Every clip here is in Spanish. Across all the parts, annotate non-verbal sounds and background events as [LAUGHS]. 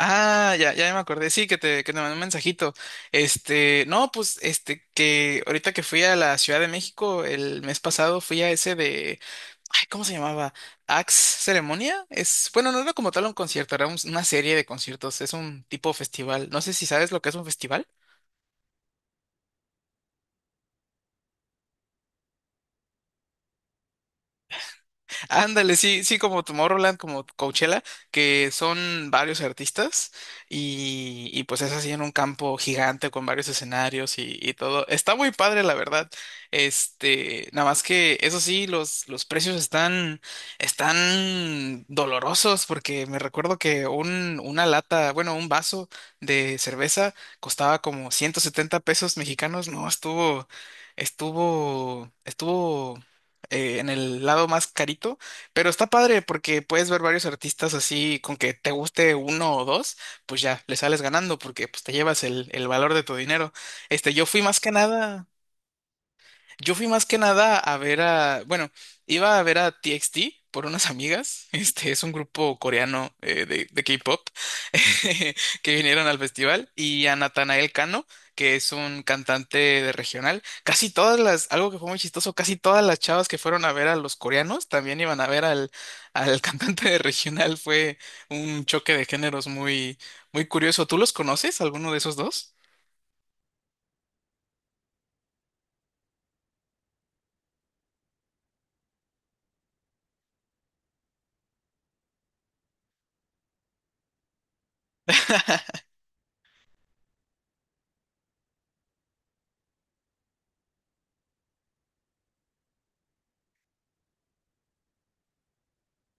Ah, ya, ya me acordé, sí, que te mandé un mensajito. No, pues, que ahorita que fui a la Ciudad de México el mes pasado, fui a ese de, ay, ¿cómo se llamaba? ¿Axe Ceremonia? Es, bueno, no era como tal un concierto, era una serie de conciertos, es un tipo festival. No sé si sabes lo que es un festival. Ándale, sí, sí, como Tomorrowland, como Coachella, que son varios artistas y pues es así en un campo gigante con varios escenarios y todo. Está muy padre, la verdad. Nada más que eso sí, los precios están dolorosos porque me recuerdo que una lata, bueno, un vaso de cerveza costaba como 170 pesos mexicanos. No, estuvo en el lado más carito, pero está padre porque puedes ver varios artistas así, con que te guste uno o dos, pues ya le sales ganando porque pues te llevas el valor de tu dinero. Este, yo fui más que nada. A ver a, bueno, iba a ver a TXT por unas amigas. [LAUGHS] Este es un grupo coreano de K-pop [LAUGHS] que vinieron al festival y a Natanael Cano, que es un cantante de regional. Casi todas algo que fue muy chistoso, casi todas las chavas que fueron a ver a los coreanos también iban a ver al [LAUGHS] cantante de regional. Fue un choque de géneros muy, muy curioso. ¿Tú los conoces, alguno de esos dos? [LAUGHS]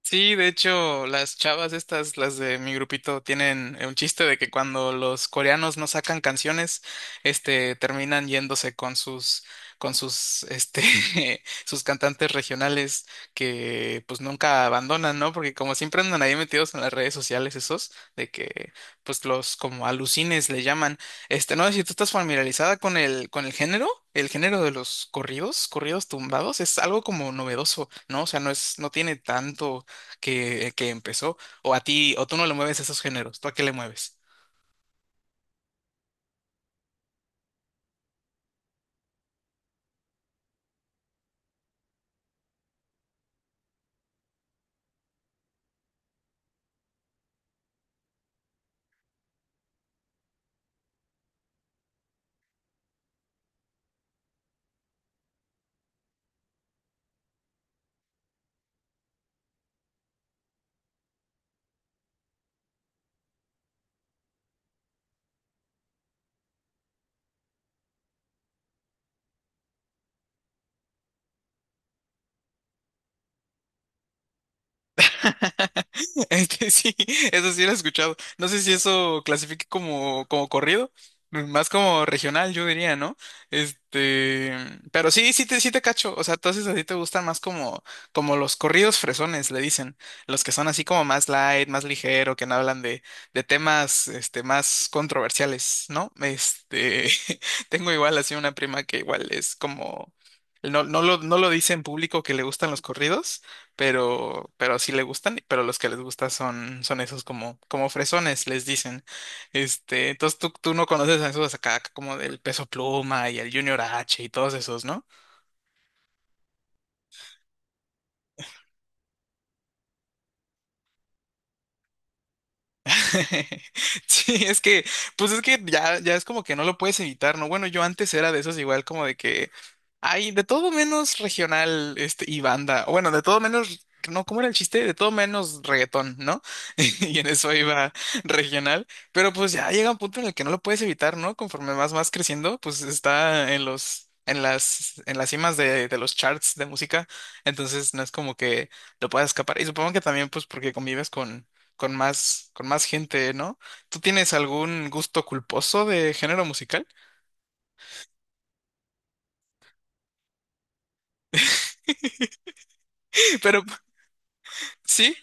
Sí, de hecho, las chavas estas, las de mi grupito, tienen un chiste de que cuando los coreanos no sacan canciones, terminan yéndose con sus, con sus, este, [LAUGHS] sus cantantes regionales que, pues, nunca abandonan, ¿no? Porque como siempre andan ahí metidos en las redes sociales esos, de que, pues, los como alucines le llaman. No sé si tú estás familiarizada con el género. El género de los corridos, corridos tumbados, es algo como novedoso, ¿no? O sea, no tiene tanto que empezó, o tú no le mueves esos géneros, ¿tú a qué le mueves? [LAUGHS] Este sí, eso sí lo he escuchado. No sé si eso clasifique como corrido, más como regional, yo diría, ¿no? Este, pero sí, sí te cacho. O sea, entonces a ti te gustan más como los corridos fresones, le dicen. Los que son así como más light, más ligero, que no hablan de temas, más controversiales, ¿no? [LAUGHS] Tengo igual así una prima que igual es como, no, no lo dice en público que le gustan los corridos, pero sí le gustan, pero los que les gusta son esos como fresones, les dicen. Entonces tú no conoces a esos acá como del Peso Pluma y el Junior H y todos esos, ¿no? [LAUGHS] Sí, es que, pues es que ya es como que no lo puedes evitar, ¿no? Bueno, yo antes era de esos igual como de que hay de todo menos regional, y banda. O bueno, de todo menos, no, ¿cómo era el chiste? De todo menos reggaetón, ¿no? [LAUGHS] Y en eso iba regional. Pero pues ya llega un punto en el que no lo puedes evitar, ¿no? Conforme vas más creciendo, pues está en los, en las cimas de los charts de música. Entonces no es como que lo puedas escapar. Y supongo que también, pues, porque convives con más gente, ¿no? ¿Tú tienes algún gusto culposo de género musical? [LAUGHS] Pero sí,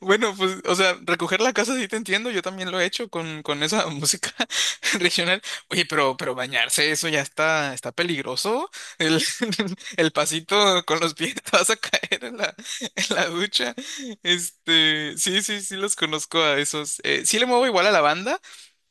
bueno, pues, o sea, recoger la casa sí te entiendo, yo también lo he hecho con esa [LAUGHS] música regional. Oye, pero bañarse, eso ya está peligroso. El, [LAUGHS] el pasito con los pies te vas a caer en la ducha. Sí, sí, sí los conozco a esos. Sí le muevo igual a la banda,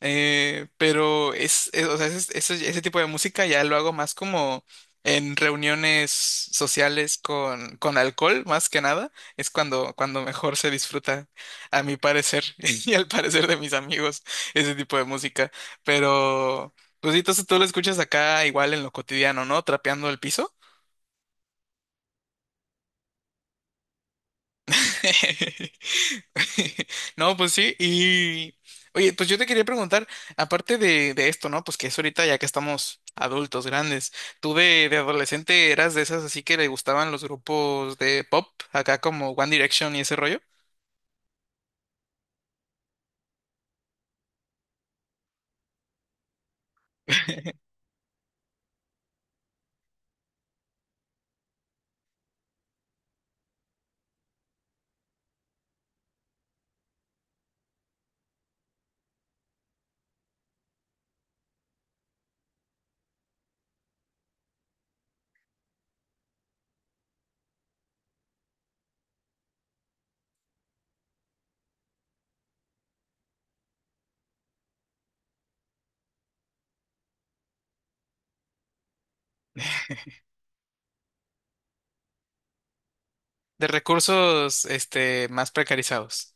pero o sea, ese tipo de música ya lo hago más como en reuniones sociales con alcohol, más que nada. Es cuando mejor se disfruta, a mi parecer, [LAUGHS] y al parecer de mis amigos, ese tipo de música. Pero, pues sí, entonces tú lo escuchas acá igual en lo cotidiano, ¿no? Trapeando el piso. [LAUGHS] No, pues sí, y oye, pues yo te quería preguntar, aparte de esto, ¿no? Pues que es ahorita ya que estamos adultos, grandes, ¿tú de adolescente eras de esas así que le gustaban los grupos de pop, acá como One Direction y ese rollo? [LAUGHS] De recursos, más precarizados.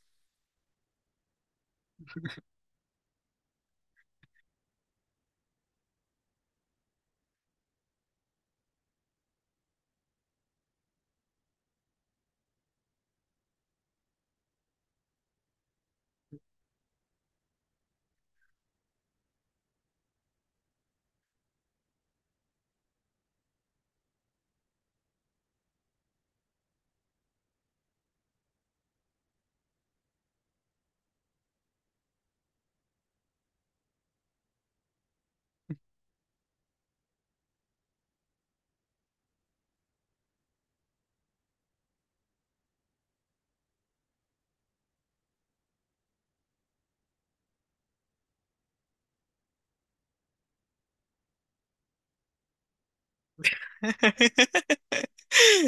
[LAUGHS]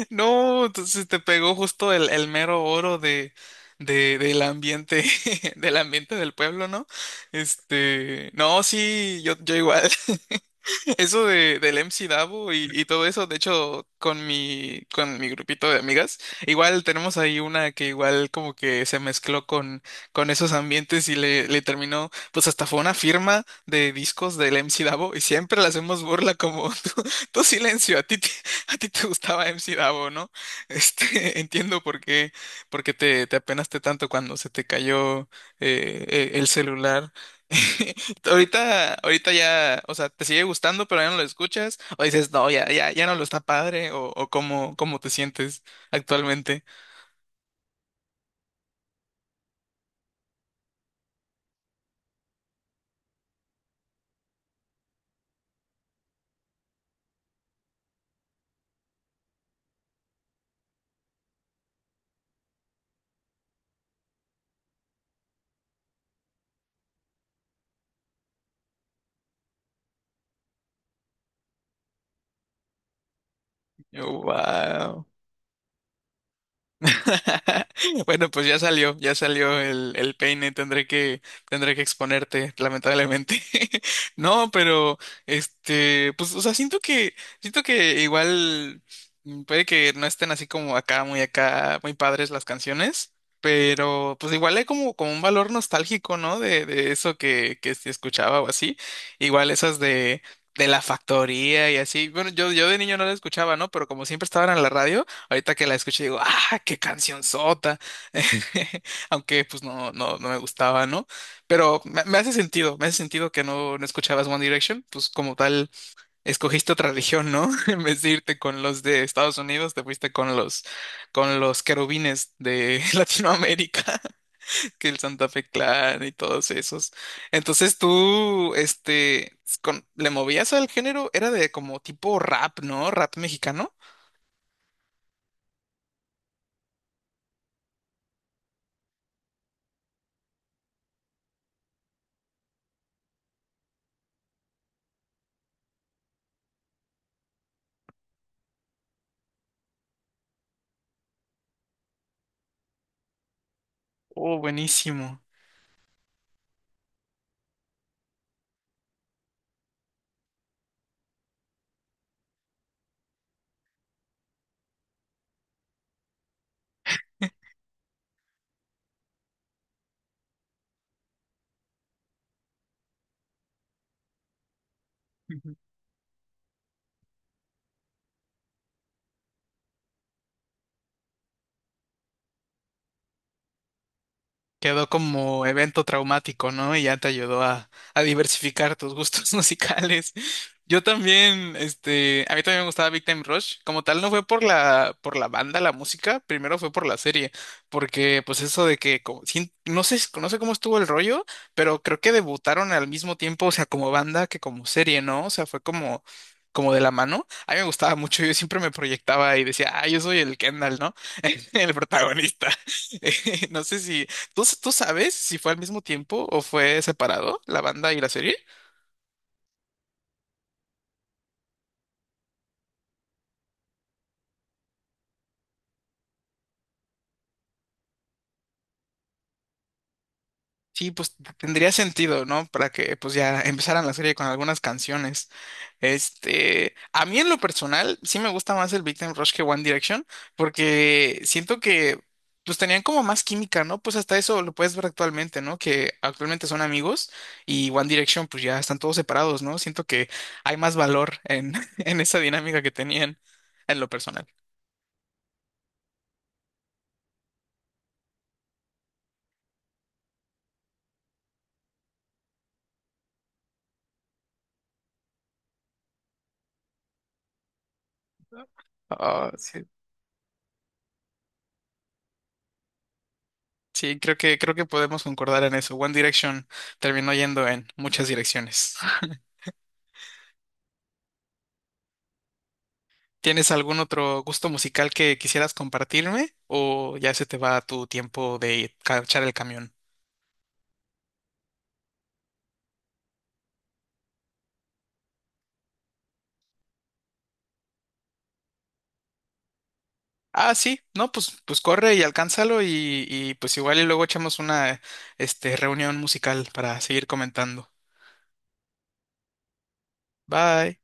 No, entonces te pegó justo el mero oro del ambiente, [LAUGHS] del ambiente del pueblo, ¿no? No, sí, yo igual. [LAUGHS] [LAUGHS] Eso del MC Davo y todo eso, de hecho, con mi grupito de amigas, igual tenemos ahí una que igual como que se mezcló con esos ambientes y le terminó, pues hasta fue una firma de discos del MC Davo y siempre le hacemos burla como [LAUGHS] tu silencio, a ti te gustaba MC Davo, ¿no? [LAUGHS] Entiendo por qué te apenaste tanto cuando se te cayó el celular. [LAUGHS] Ahorita ya, o sea, te sigue gustando, pero ya no lo escuchas, o dices, no, ya, ya, ya no lo está padre, o cómo te sientes actualmente. Wow. [LAUGHS] Bueno, pues ya salió el peine, tendré que exponerte, lamentablemente. [LAUGHS] No, pero pues, o sea, siento que igual puede que no estén así como acá, muy padres las canciones, pero pues igual hay como un valor nostálgico, ¿no? De eso que se escuchaba o así. Igual esas de la factoría y así. Bueno, yo de niño no las escuchaba, ¿no? Pero como siempre estaban en la radio. Ahorita que la escuché digo, ¡ah, qué canción sota! [LAUGHS] Aunque pues no, no, no me gustaba, ¿no? Pero me hace sentido que no escuchabas One Direction, pues como tal, escogiste otra religión, ¿no? [LAUGHS] En vez de irte con los de Estados Unidos, te fuiste con los querubines de [LAUGHS] Latinoamérica, [LAUGHS] que el Santa Fe Clan y todos esos. Entonces tú, le movías al género, era de como tipo rap, ¿no? Rap mexicano. Oh, buenísimo. Quedó como evento traumático, ¿no? Y ya te ayudó a diversificar tus gustos [LAUGHS] musicales. Yo también, a mí también me gustaba Big Time Rush. Como tal, no fue por la banda, la música, primero fue por la serie, porque pues eso de que, no sé cómo estuvo el rollo, pero creo que debutaron al mismo tiempo, o sea, como banda que como serie, ¿no? O sea, fue como de la mano. A mí me gustaba mucho, yo siempre me proyectaba y decía, ah, yo soy el Kendall, ¿no? [LAUGHS] El protagonista. [LAUGHS] No sé si ¿Tú sabes si fue al mismo tiempo o fue separado la banda y la serie? Sí, pues tendría sentido, ¿no? Para que pues ya empezaran la serie con algunas canciones. A mí en lo personal sí me gusta más el Big Rush que One Direction porque siento que pues tenían como más química, ¿no? Pues hasta eso lo puedes ver actualmente, ¿no? Que actualmente son amigos y One Direction pues ya están todos separados, ¿no? Siento que hay más valor en, [LAUGHS] en esa dinámica que tenían en lo personal. Ah, sí. Sí, creo que podemos concordar en eso. One Direction terminó yendo en muchas direcciones. ¿Tienes algún otro gusto musical que quisieras compartirme o ya se te va tu tiempo de cachar el camión? Ah, sí, no, pues corre y alcánzalo y pues igual y luego echamos una reunión musical para seguir comentando. Bye.